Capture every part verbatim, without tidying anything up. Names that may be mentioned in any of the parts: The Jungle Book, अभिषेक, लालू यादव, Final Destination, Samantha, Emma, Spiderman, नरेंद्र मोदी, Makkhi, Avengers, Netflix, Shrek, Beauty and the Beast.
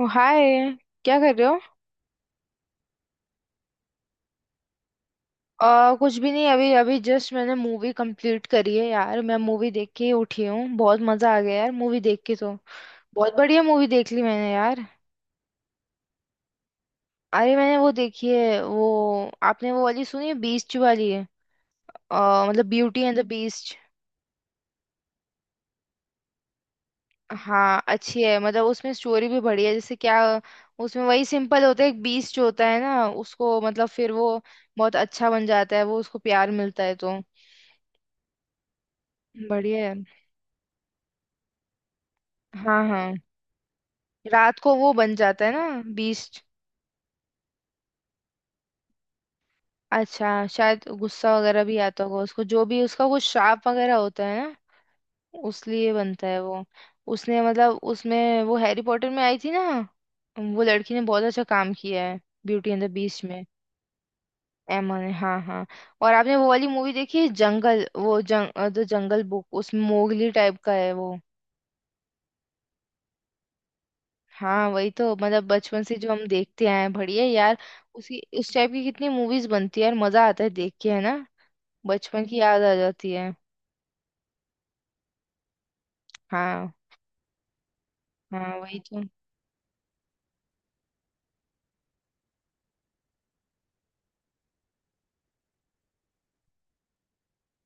ओ, hi. क्या कर रहे हो? आ, कुछ भी नहीं, अभी अभी जस्ट मैंने मूवी कंप्लीट करी है यार। मैं मूवी देख के ही उठी हूँ। बहुत मजा आ गया यार मूवी देख के तो। बहुत बढ़िया मूवी देख ली मैंने यार। अरे मैंने वो देखी है, वो आपने वो वाली सुनी है, बीस्ट वाली है। आ, मतलब ब्यूटी एंड द बीस्ट। हाँ अच्छी है, मतलब उसमें स्टोरी भी बढ़िया है, जैसे क्या, उसमें वही सिंपल होता है, एक बीस्ट जो होता है ना उसको मतलब फिर वो बहुत अच्छा बन जाता है, वो उसको प्यार मिलता है तो बढ़िया है। हाँ हाँ, रात को वो बन जाता है ना बीस्ट। अच्छा, शायद गुस्सा वगैरह भी आता होगा उसको, जो भी उसका कुछ श्राप वगैरह होता है ना उस लिए बनता है वो। उसने मतलब उसमें वो हैरी पॉटर में आई थी ना, वो लड़की ने बहुत अच्छा काम किया है ब्यूटी एंड द बीस्ट में। एमा ने, हाँ हाँ। और आपने वो वाली मूवी देखी है जंगल, वो जंग द जंगल बुक, उसमें मोगली टाइप का है वो। हाँ वही तो, मतलब बचपन से जो हम देखते आए हैं, बढ़िया यार। उसी उस टाइप की कितनी मूवीज बनती है यार, मजा आता है देख के, है ना। बचपन की याद आ जाती है। हाँ, हाँ वही तो।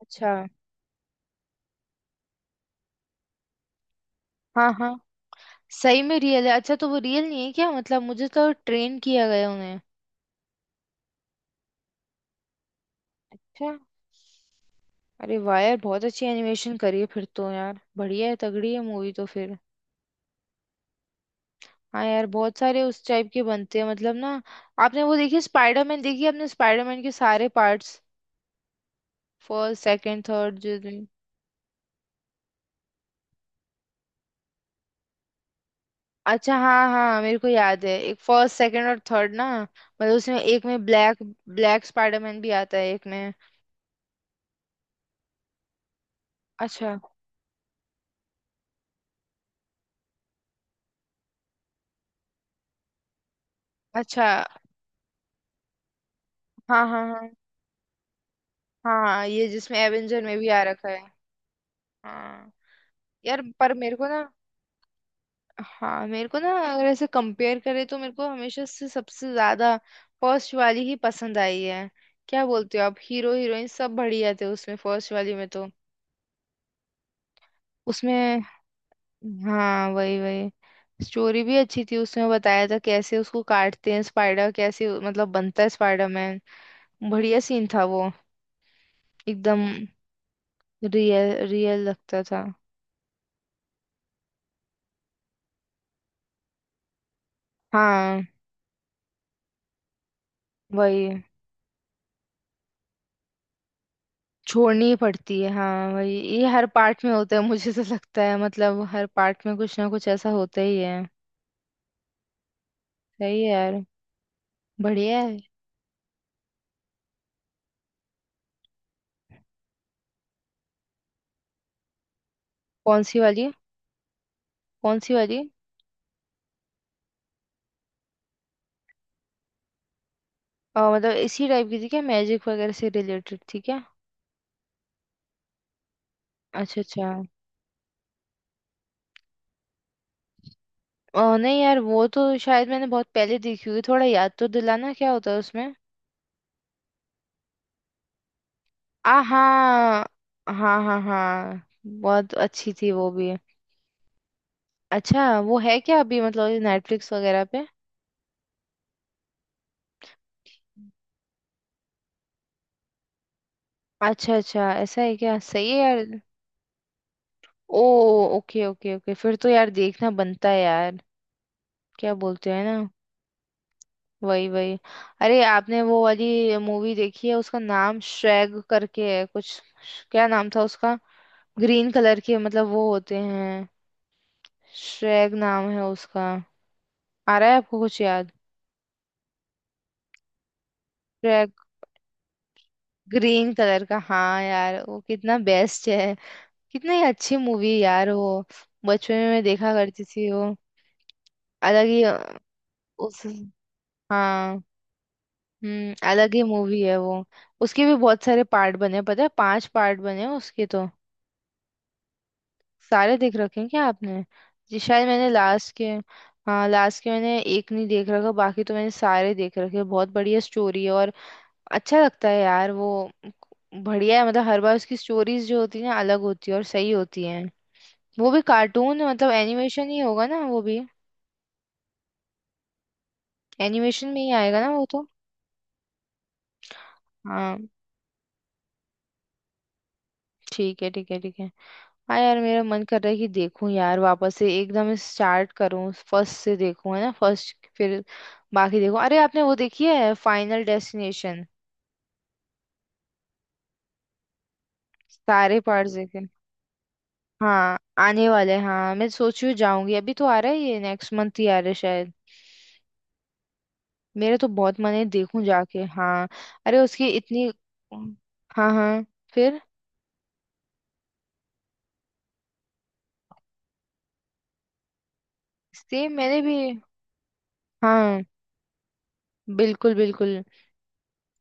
अच्छा, हाँ हाँ, सही में रियल है। अच्छा, तो वो रियल नहीं है क्या? मतलब मुझे तो ट्रेन किया गया उन्हें। अच्छा, अरे वाह यार बहुत अच्छी एनिमेशन करी है फिर तो यार, बढ़िया है, तगड़ी है मूवी तो फिर। हाँ यार, बहुत सारे उस टाइप के बनते हैं मतलब ना। आपने वो देखी स्पाइडरमैन देखी है? आपने स्पाइडरमैन के सारे पार्ट्स, फर्स्ट सेकंड थर्ड जो। अच्छा हाँ हाँ, मेरे को याद है, एक फर्स्ट सेकंड और थर्ड ना, मतलब उसमें एक में ब्लैक ब्लैक स्पाइडरमैन भी आता है एक में। अच्छा अच्छा, हाँ हाँ, हाँ हाँ, ये जिसमें एवेंजर में भी आ रखा है। हाँ, यार पर मेरे को ना, हाँ मेरे को ना, अगर ऐसे कंपेयर करे तो मेरे को हमेशा से सबसे ज्यादा फर्स्ट वाली ही पसंद आई है। क्या बोलते हो आप, हीरो हीरोइन सब बढ़िया थे उसमें, फर्स्ट वाली में तो। उसमें हाँ वही वही, स्टोरी भी अच्छी थी, उसमें बताया था कैसे उसको काटते हैं स्पाइडर, कैसे मतलब बनता है स्पाइडरमैन। बढ़िया सीन था वो, एकदम रियल रियल लगता था। हाँ वही, छोड़नी ही पड़ती है, हाँ वही, ये हर पार्ट में होता है, मुझे तो लगता है मतलब हर पार्ट में कुछ ना कुछ ऐसा होता ही है। सही है यार, बढ़िया है। कौन सी वाली? कौन सी वाली? अ, मतलब इसी टाइप की थी क्या, मैजिक वगैरह से रिलेटेड थी क्या? अच्छा अच्छा। अ, नहीं यार वो तो शायद मैंने बहुत पहले देखी हुई, थोड़ा याद तो दिलाना क्या होता है उसमें। आ हाँ, हाँ हाँ हाँ, बहुत अच्छी थी वो भी। अच्छा वो है क्या अभी, मतलब नेटफ्लिक्स वगैरह पे? अच्छा अच्छा, ऐसा है क्या, सही है यार। ओ, ओके ओके ओके, फिर तो यार देखना बनता है यार, क्या बोलते हैं ना। वही वही, अरे आपने वो वाली मूवी देखी है, उसका नाम श्रैग करके है कुछ, क्या नाम था उसका, ग्रीन कलर के मतलब वो होते हैं, श्रेग नाम है उसका, आ रहा है आपको कुछ याद? श्रेग। ग्रीन कलर का हाँ यार, वो कितना बेस्ट है, कितनी अच्छी मूवी यार वो। बचपन में मैं देखा करती थी वो। अलग ही अ, उस हाँ हम्म, अलग ही मूवी है वो। उसके भी बहुत सारे पार्ट बने, पता है पांच पार्ट बने हैं उसके तो। सारे देख रखे हैं क्या आपने? जी शायद मैंने लास्ट के, हाँ लास्ट के मैंने एक नहीं देख रखा, बाकी तो मैंने सारे देख रखे हैं। बहुत बढ़िया स्टोरी है, और अच्छा लगता है यार वो। बढ़िया है, मतलब हर बार उसकी स्टोरीज जो होती है ना, अलग होती है और सही होती है। वो भी कार्टून मतलब एनिमेशन ही होगा ना वो भी, एनिमेशन में ही आएगा ना वो तो। हाँ, ठीक है ठीक है ठीक है। हाँ यार, मेरा मन कर रहा है कि देखूं यार वापस से, एकदम स्टार्ट करूं, फर्स्ट से देखूं है ना, फर्स्ट फिर बाकी देखूं। अरे आपने वो देखी है फाइनल डेस्टिनेशन? सारे पार्ट देखे? हाँ आने वाले हैं, हाँ मैं सोच रही हूँ जाऊंगी, अभी तो आ रहा है ये, नेक्स्ट मंथ ही आ रहा है शायद। मेरा तो बहुत मन है, देखूं जाके, हाँ। अरे उसकी इतनी, हाँ हाँ, फिर, सेम मैंने भी, हाँ बिल्कुल बिल्कुल।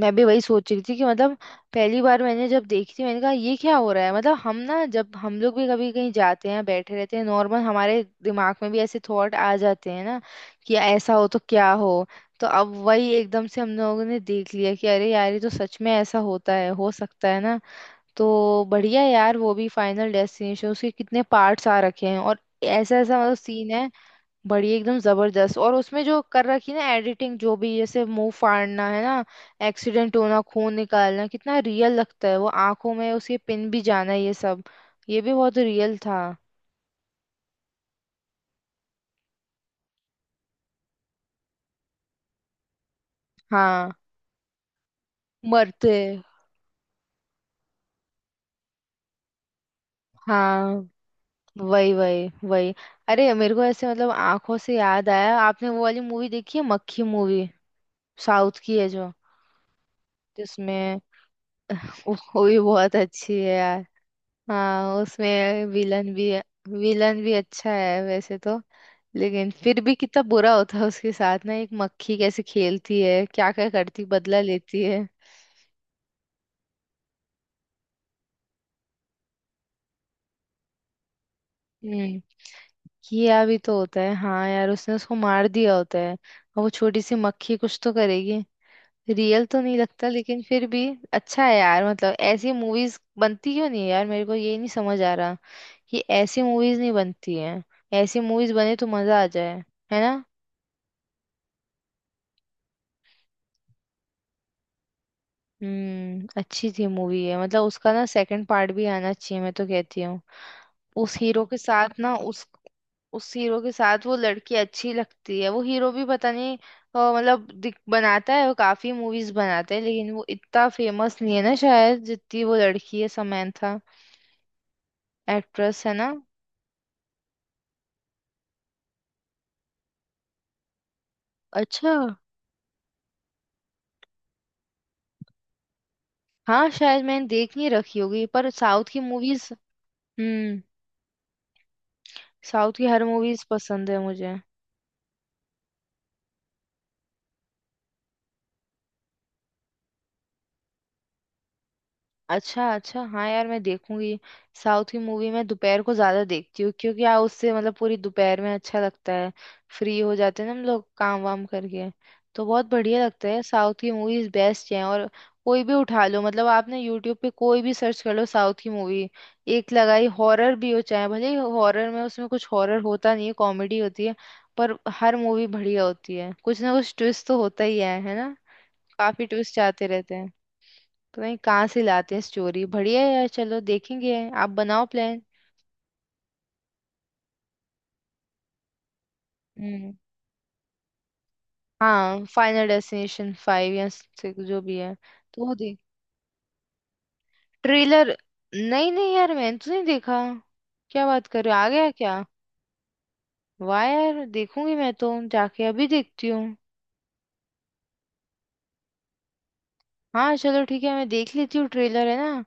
मैं भी वही सोच रही थी कि मतलब पहली बार मैंने जब देखी थी, मैंने कहा ये क्या हो रहा है, मतलब हम ना, जब हम लोग भी कभी कहीं जाते हैं बैठे रहते हैं नॉर्मल, हमारे दिमाग में भी ऐसे थॉट आ जाते हैं ना, कि ऐसा हो तो क्या हो। तो अब वही एकदम से हम लोगों ने देख लिया कि अरे यार ये तो सच में ऐसा होता है, हो सकता है ना। तो बढ़िया यार, वो भी फाइनल डेस्टिनेशन, उसके कितने पार्ट्स आ रखे हैं और ऐसा ऐसा मतलब सीन है, बढ़िया एकदम जबरदस्त। और उसमें जो कर रखी ना एडिटिंग, जो भी जैसे मुंह फाड़ना है ना, एक्सीडेंट होना, खून निकालना, कितना रियल लगता है वो, आंखों में उसके पिन भी जाना, ये सब, ये भी बहुत रियल था। हाँ, मरते, हाँ वही वही वही। अरे मेरे को ऐसे मतलब आंखों से याद आया, आपने वो वाली मूवी देखी है मक्खी मूवी, साउथ की है जो, जिसमें, वो भी बहुत अच्छी है यार। हाँ उसमें विलन भी, विलन भी अच्छा है वैसे तो, लेकिन फिर भी कितना बुरा होता है उसके साथ ना, एक मक्खी कैसे खेलती है क्या क्या करती, बदला लेती है। हम्म, किया भी तो होता है, हाँ यार उसने उसको मार दिया होता है, और वो छोटी सी मक्खी कुछ तो करेगी। रियल तो नहीं लगता लेकिन फिर भी अच्छा है यार। मतलब ऐसी मूवीज बनती क्यों नहीं है यार, मेरे को ये नहीं समझ आ रहा, ये ऐसी मूवीज नहीं बनती हैं। ऐसी मूवीज बने तो मजा आ जाए, है ना। हम्म, अच्छी थी मूवी है, मतलब उसका ना सेकंड पार्ट भी आना चाहिए, मैं तो कहती हूँ। उस हीरो के साथ ना, उस उस हीरो के साथ वो लड़की अच्छी लगती है, वो हीरो भी पता नहीं, अ, मतलब दिख- बनाता है वो, काफी मूवीज बनाता है, लेकिन वो इतना फेमस नहीं है ना शायद, जितनी वो लड़की है समंथा, एक्ट्रेस है ना। अच्छा, हाँ शायद मैंने देख नहीं रखी होगी पर साउथ की मूवीज, हम्म, साउथ की हर मूवीज पसंद है मुझे। अच्छा अच्छा, हाँ यार मैं देखूंगी। साउथ की मूवी मैं दोपहर को ज्यादा देखती हूँ, क्योंकि यार उससे मतलब पूरी दोपहर में अच्छा लगता है, फ्री हो जाते हैं ना हम लोग काम वाम करके, तो बहुत बढ़िया लगता है। साउथ की मूवीज बेस्ट हैं, और कोई भी उठा लो, मतलब आपने यूट्यूब पे कोई भी सर्च कर लो साउथ की मूवी, एक लगाई, हॉरर भी हो चाहे, भले हॉरर में उसमें कुछ हॉरर होता नहीं है, कॉमेडी होती है, पर हर मूवी बढ़िया होती है, कुछ ना कुछ ट्विस्ट तो होता ही है है ना, काफी ट्विस्ट आते रहते हैं, तो भाई कहाँ से लाते हैं स्टोरी, बढ़िया है यार, चलो देखेंगे। आप बनाओ प्लान। हम्म, हाँ फाइनल डेस्टिनेशन फाइव या सिक्स जो भी है। तो वो देख ट्रेलर, नहीं नहीं यार मैंने तो नहीं देखा, क्या बात कर रहे हो आ गया क्या? वाह यार देखूंगी, मैं तो जाके अभी देखती हूँ। हाँ चलो ठीक है, मैं देख लेती हूँ ट्रेलर है ना,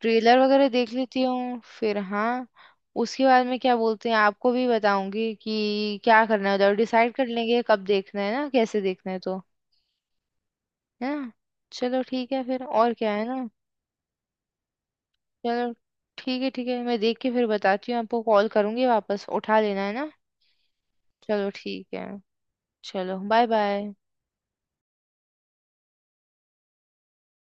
ट्रेलर वगैरह देख लेती हूँ फिर, हाँ उसके बाद में क्या बोलते हैं आपको भी बताऊंगी, कि क्या करना है उधर, डिसाइड कर लेंगे कब देखना है ना, कैसे देखना है तो। है ना, चलो ठीक है फिर, और क्या, है ना, चलो ठीक है ठीक है, मैं देख के फिर बताती हूँ आपको, कॉल करूंगी वापस उठा लेना है ना। चलो ठीक है। चलो बाय बाय।